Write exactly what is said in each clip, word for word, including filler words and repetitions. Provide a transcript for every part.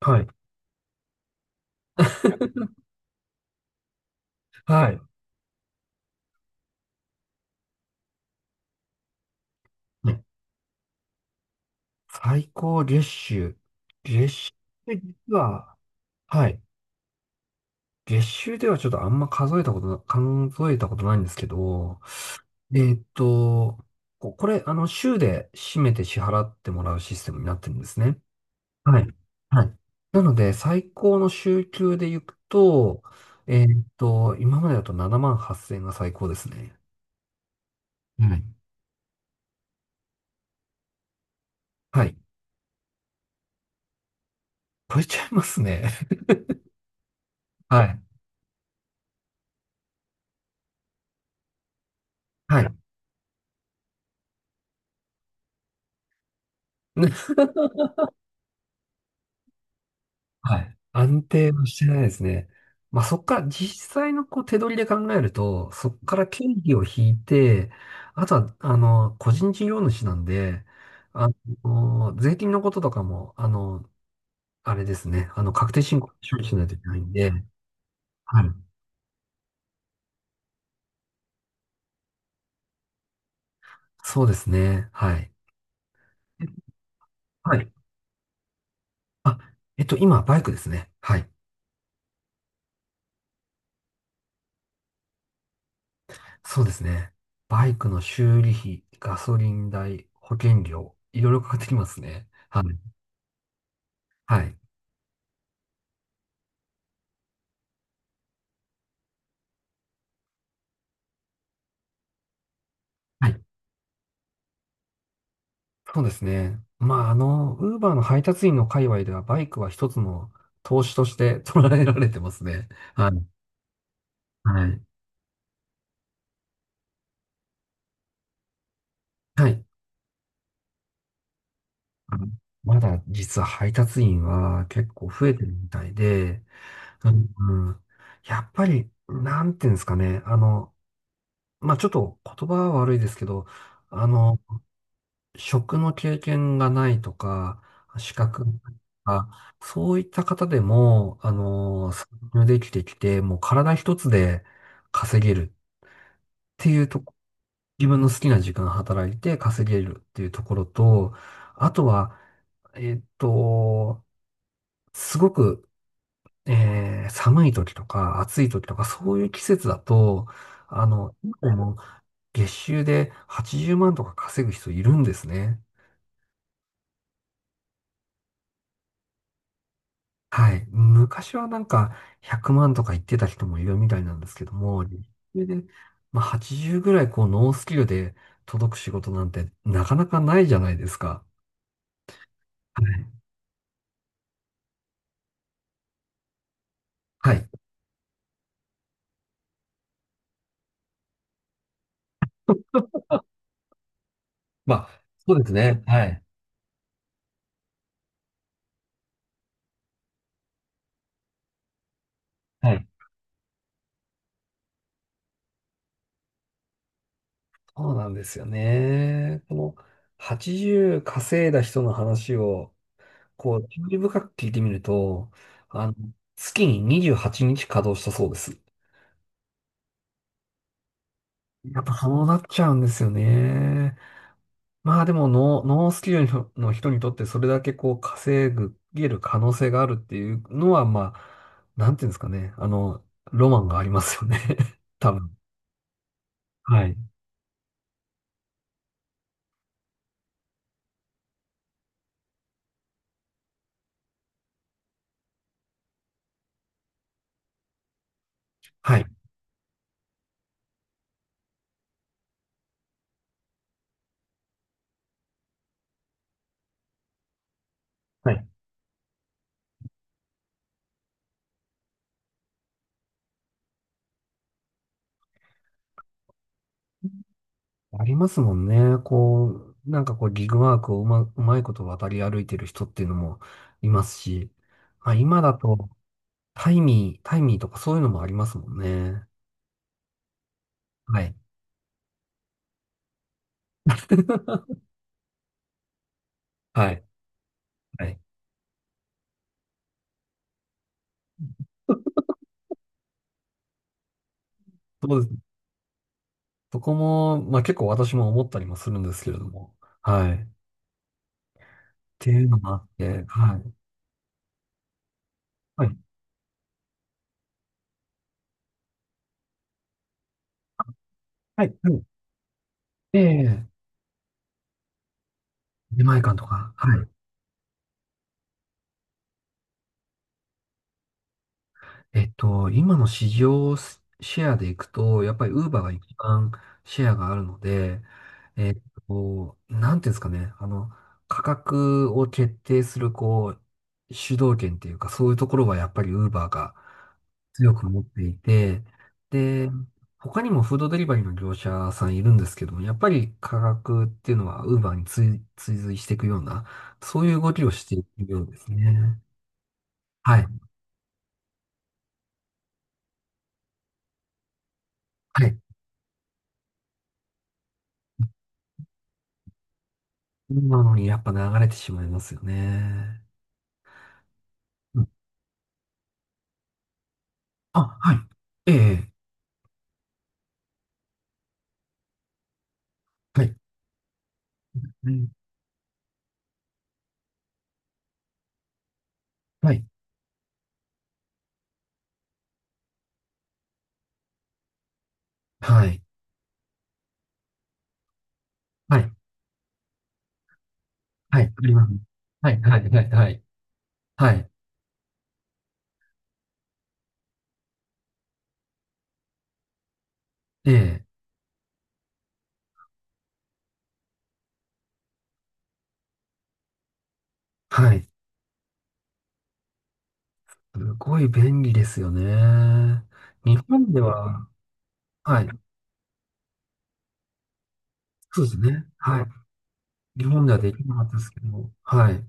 はい。はい。ね、最高月収。月収で実は、はい。月収ではちょっとあんま数えたことな、数えたことないんですけど、えーっと、ここれ、あの、週で締めて支払ってもらうシステムになってるんですね。はい。はい。なので、最高の週給で行くと、えーっと、今までだとななまんはっせん円が最高ですね。はい。はい。超えちゃいますね。はい。はい。はい。安定はしてないですね。まあ、そっから、実際のこう手取りで考えると、そっから経費を引いて、あとは、あの、個人事業主なんで、あの、税金のこととかも、あの、あれですね、あの、確定申告処理しないといけないんで、はい。そうですね、はい。えはい。あ、えっと、今、バイクですね。はい。そうですね。バイクの修理費、ガソリン代、保険料、いろいろかかってきますね。はい。はい。はい。そうですね。まあ、あの、ウーバーの配達員の界隈ではバイクは一つの投資として捉えられてますね。はい。はい。はい。あのまだ実は配達員は結構増えてるみたいで、うん、うん。やっぱり、なんていうんですかね。あの、まあ、ちょっと言葉は悪いですけど、あの、職の経験がないとか、資格がないとか、そういった方でも、あの、参入できてきて、もう体一つで稼げるっていうとこ、自分の好きな時間働いて稼げるっていうところと、あとは、えっと、すごく、えー寒い時とか暑い時とかそういう季節だと、あの、今でも月収ではちじゅうまんとか稼ぐ人いるんですね。はい。昔はなんかひゃくまんとか言ってた人もいるみたいなんですけども、それで、まあ、はちじゅうぐらいこうノースキルで届く仕事なんてなかなかないじゃないですか。はい。はい。まあ、そうですね。はい。はい。そうなんですよね。このはちじゅう稼いだ人の話を、こう、注意深く聞いてみると、あの、月ににじゅうはちにち稼働したそうです。やっぱそうなっちゃうんですよね。まあでもノー、ノースキルのの人にとってそれだけこう稼ぐ、げる可能性があるっていうのは、まあ、なんていうんですかね。あの、ロマンがありますよね。多分。はい。はい。はい。ありますもんね。こう、なんかこうギグワークをうま、うまいこと渡り歩いてる人っていうのもいますし、まあ今だとタイミー、タイミーとかそういうのもありますもんね。はい。はい。はい。そうです。そこも、まあ結構私も思ったりもするんですけれども。はい。っていうのもあって、はい。はい。はい。はい。ええ、出前館とか。はい。えっと、今の市場シェアでいくと、やっぱりウーバーが一番シェアがあるので、えっと、なんていうんですかね、あの、価格を決定する、こう、主導権っていうか、そういうところはやっぱりウーバーが強く持っていて、で、他にもフードデリバリーの業者さんいるんですけども、やっぱり価格っていうのはウーバーに追、追随していくような、そういう動きをしているようですね。はい。はい。なのにやっぱ流れてしまいますよね。うん。あ、はい。ええ、はい。うん、はい。はい。はい。はい。ありますね。はい。はい。はい。はい。はい。ええ、はい。すごい便利ですよね。日本では、はい。そうですね。はい。日本ではできなかったですけど、はい。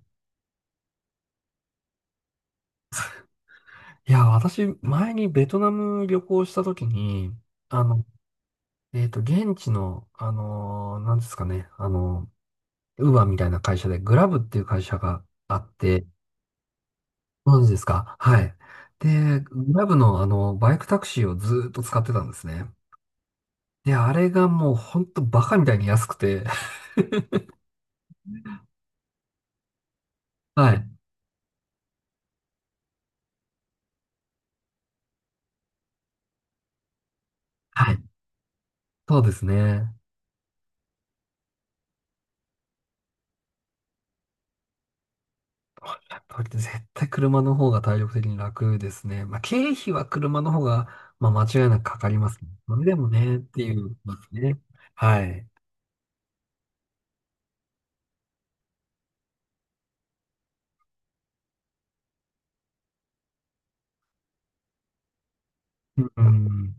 いや、私、前にベトナム旅行したときに、あの、えっと、現地の、あのー、なんですかね、あの、ウーバーみたいな会社で、グラブっていう会社があって、ご存知ですか？はい。で、グラブのあの、バイクタクシーをずーっと使ってたんですね。で、あれがもうほんとバカみたいに安くて、はい。はい。そうですね。おっしゃる通りで絶対車の方が体力的に楽ですね。まあ、経費は車の方が、まあ、間違いなくかかりますね。それでもね、っていうことですね。はい。うん。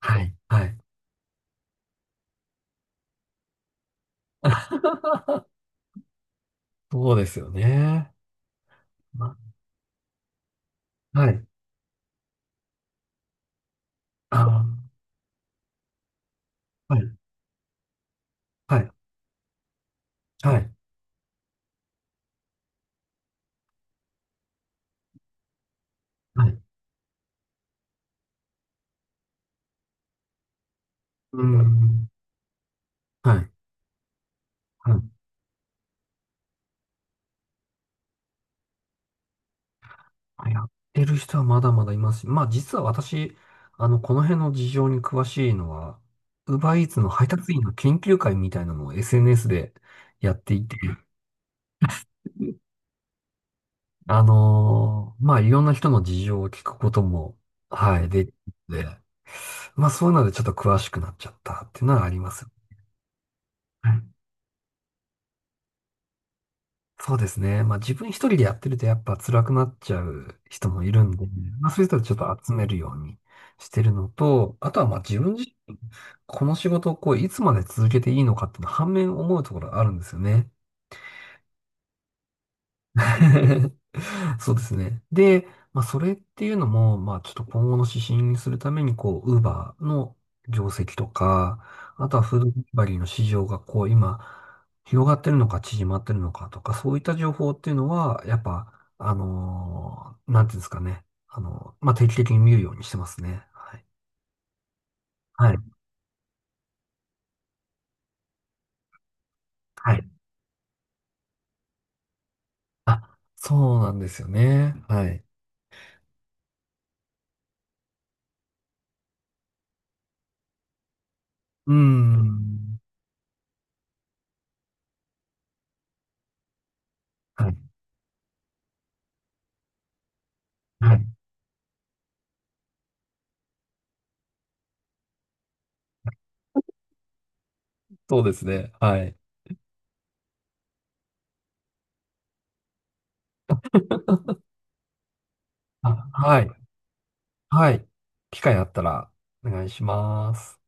はい。はい。そうですよね。まあ、はい。ああ、はい、はい、はい、はい、うん、はい、はい。やってる人はまだまだいますし、まあ実は私、あの、この辺の事情に詳しいのは、ウーバーイーツの配達員の研究会みたいなのを エスエヌエス でやっていて、あのーまあいろんな人の事情を聞くことも、はい、で、で、まあそういうのでちょっと詳しくなっちゃったっていうのはあります。そうですね。まあ自分一人でやってるとやっぱ辛くなっちゃう人もいるんで、まあそういう人はちょっと集めるようにしてるのと、あとはまあ自分自この仕事をこういつまで続けていいのかっていうのは反面思うところがあるんですよね。そうですね。で、まあ、それっていうのも、まあ、ちょっと今後の指針にするために、こう、ウーバーの業績とか、あとはフードデリバリーの市場が、こう、今、広がってるのか、縮まってるのかとか、そういった情報っていうのは、やっぱ、あのーなんていうんですかね。あのーまあ、定期的に見るようにしてますね。はい。はい。はい。あ、そうなんですよね。はい。うーん。はい。はい。そうですね。はい。あ、はい。はい。機会あったらお願いします。